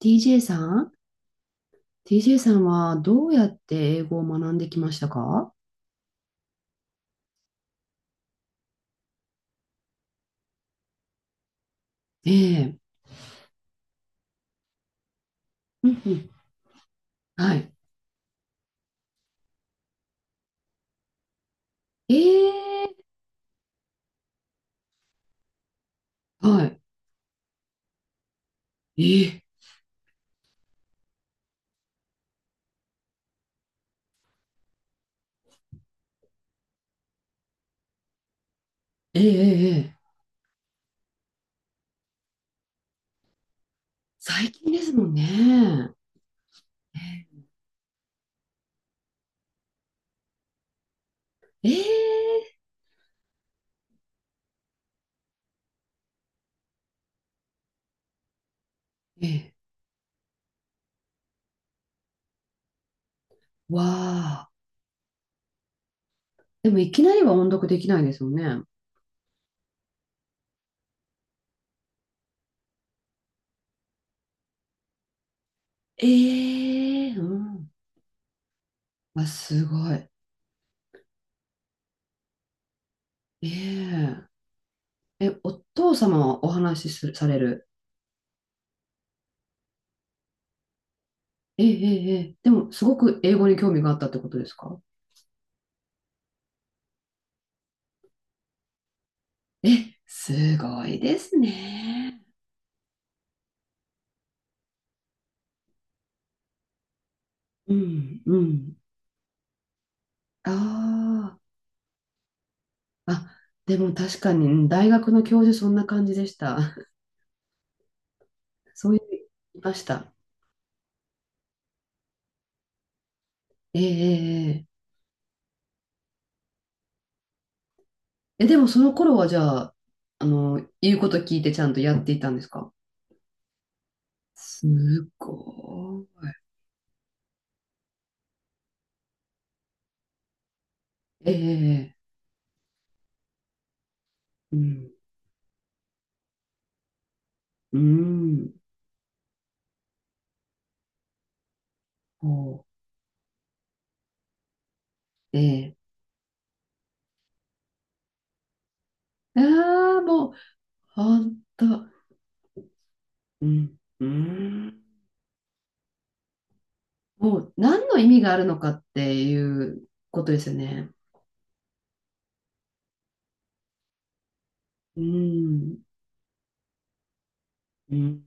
TJ さん。 TJ さんはどうやって英語を学んできましたか？ええ。うんうん。はい。ええ。はい。ええ。ええ。ええ、最近ですもんね。ええ。ええ。わあ。でもいきなりは音読できないですよね。ええ。うん。あ、すごい。ええ。え、お父様はお話しする、される。ええ。ええ。ええでも、すごく英語に興味があったってことですか？え、すごいですね。うん、うん。ああ、あ、でも確かに大学の教授そんな感じでした。そういう、いました。ええええええ。えでもその頃はじゃあ、あの、言うこと聞いてちゃんとやっていたんですか？すごい。ええ。うん、うん、ほう、ええ、ああ、もう、ほんと、うん、うん。もう何の意味があるのかっていうことですよね。うん。うん、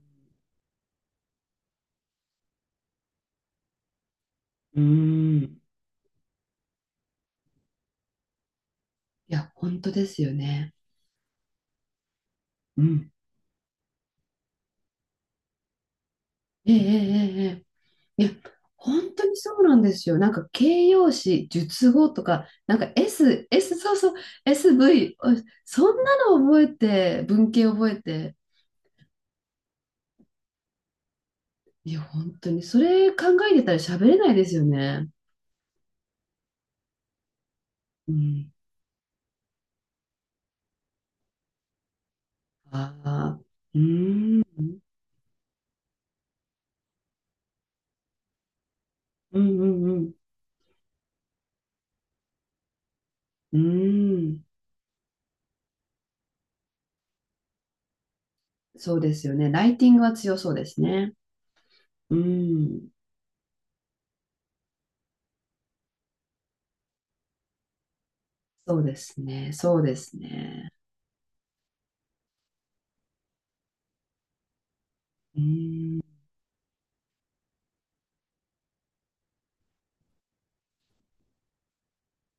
うん、いや、本当ですよね。うん、ええええええ。いや、本当にそうなんですよ。なんか形容詞、述語とか、なんか S、S、そうそう、SV、お、そんなの覚えて、文系覚えて、いや、本当に、それ考えてたら喋れないですよね。うん。ああ、うーん、うん、うん、うん。うん、そうですよね。ライティングは強そうですね。うん。そうですね。そうですね。うん。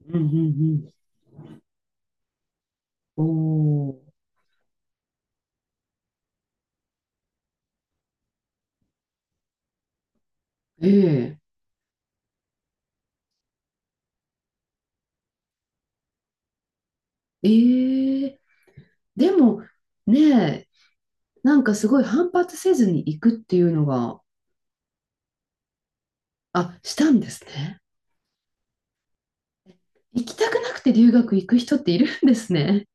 うんうんうん。おお。ええ。ええ。でも、ねえ、なんかすごい反発せずに行くっていうのが、あ、したんですね。行きたくなくて留学行く人っているんですね。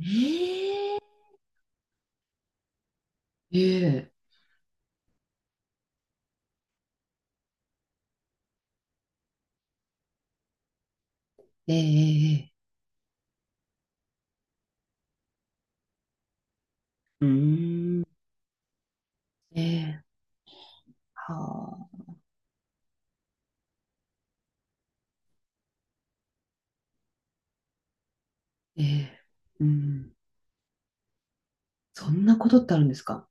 ええ。ええ。ええ。ええ、うーん。ええ。はあ。ええ。うん。そんなことってあるんですか。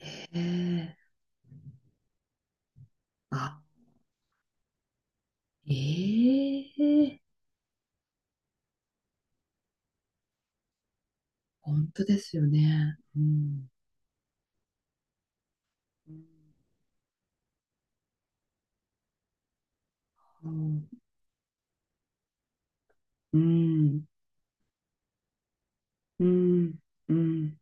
ええ。あ、ええ、本当ですよね。うん。うん。うん。うん。うん、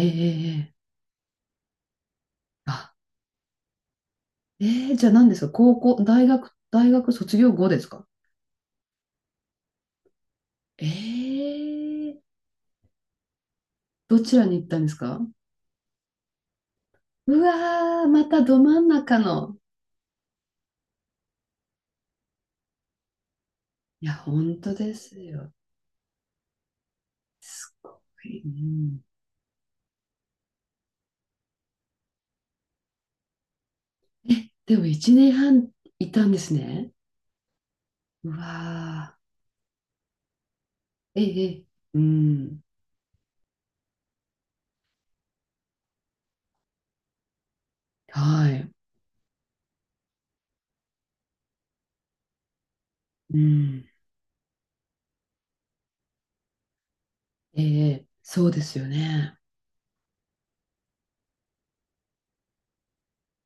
ええええ、あ、ええじゃあ何ですか？高校、大学、大学卒業後ですか？ええ。どちらに行ったんですか？うわー、またど真ん中の。いや、本当ですよ。うん。え、でも1年半いたんですね。うわー。ええええ、うん。はい。うん。ええ、そうですよね。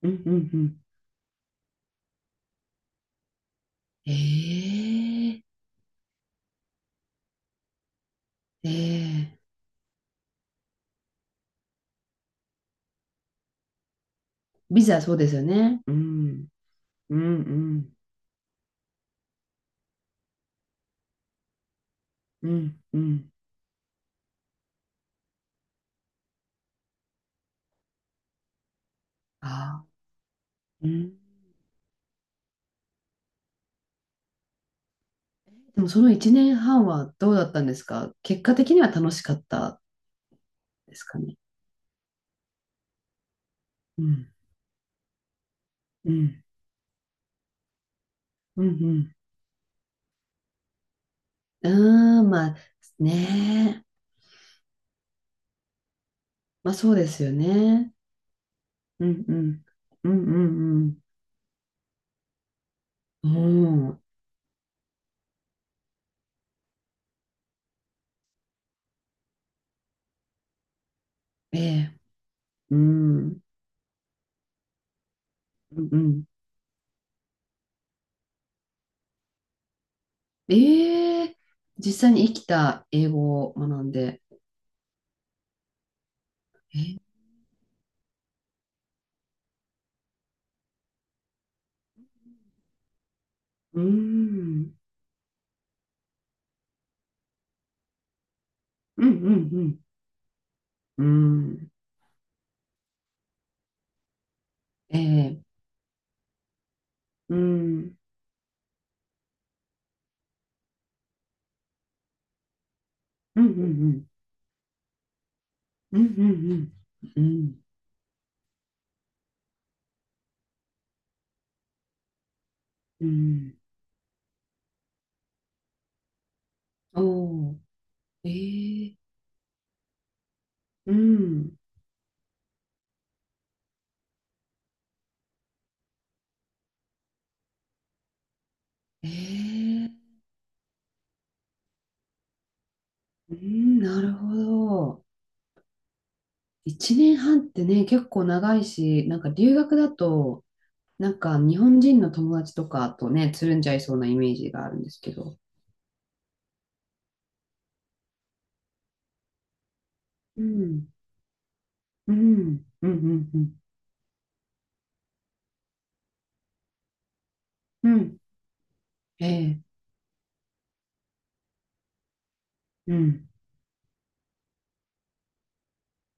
うんうん、ええ、ええ、ビザそうですよね。うん。うんうんうんうん、ああー。うん。でもその1年半はんはどうだったんですか？結果的には楽しかったですかね。うんうんうんうん、うーん、まあ、ねえ。まあそうですよね。うんうんうんうんうんうん。ええ。うんうんうん、ええ、実際に生きた英語を学んで。え、うん、うん、うん、うん、うん、ええ、うん、うん、うん、うん、うん、うん、うん、うん、うん、おー、ええ、うん、ええ、うん、なるほど。一年半ってね、結構長いし、なんか留学だと、なんか日本人の友達とかとね、つるんじゃいそうなイメージがあるんですけど。うん、うん、うん、うん、うん。うん。ええ。うん。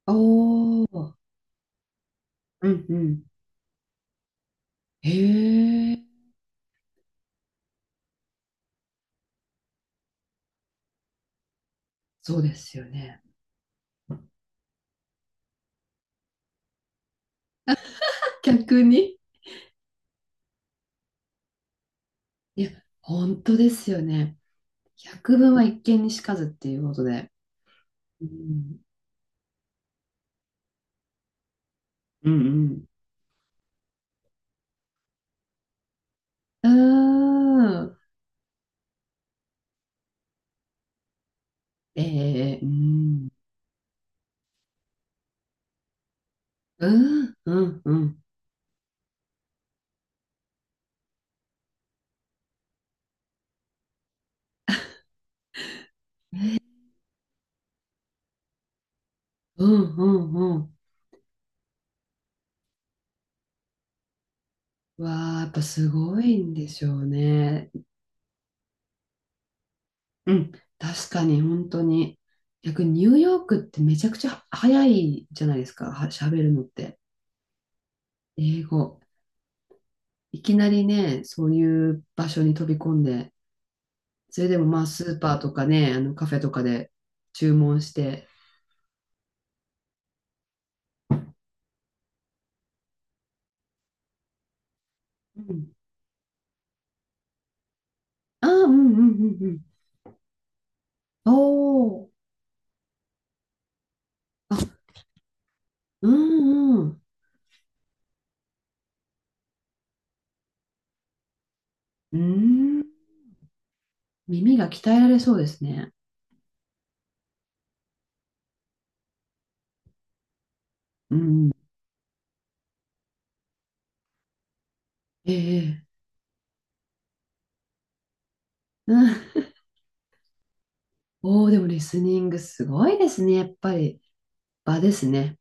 おー、うんうん。へえ。そうですよね。逆に。いや、本当ですよね。百聞は一見にしかずっていうことで。うん。うんうん。うーん。ええ、うん。うんうんうん。うんうんうん。わあ、やっぱすごいんでしょうね。うん、確かに本当に。逆にニューヨークってめちゃくちゃ早いじゃないですか、は、喋るのって。英語。いきなりね、そういう場所に飛び込んで、それでもまあスーパーとかね、あのカフェとかで注文して、うん。ああ、うんうんうんうん。おー、あ、うんうん。うーん。耳が鍛えられそうですね。うん。ええ、うん。おー、でもリスニングすごいですね、やっぱり。場ですね。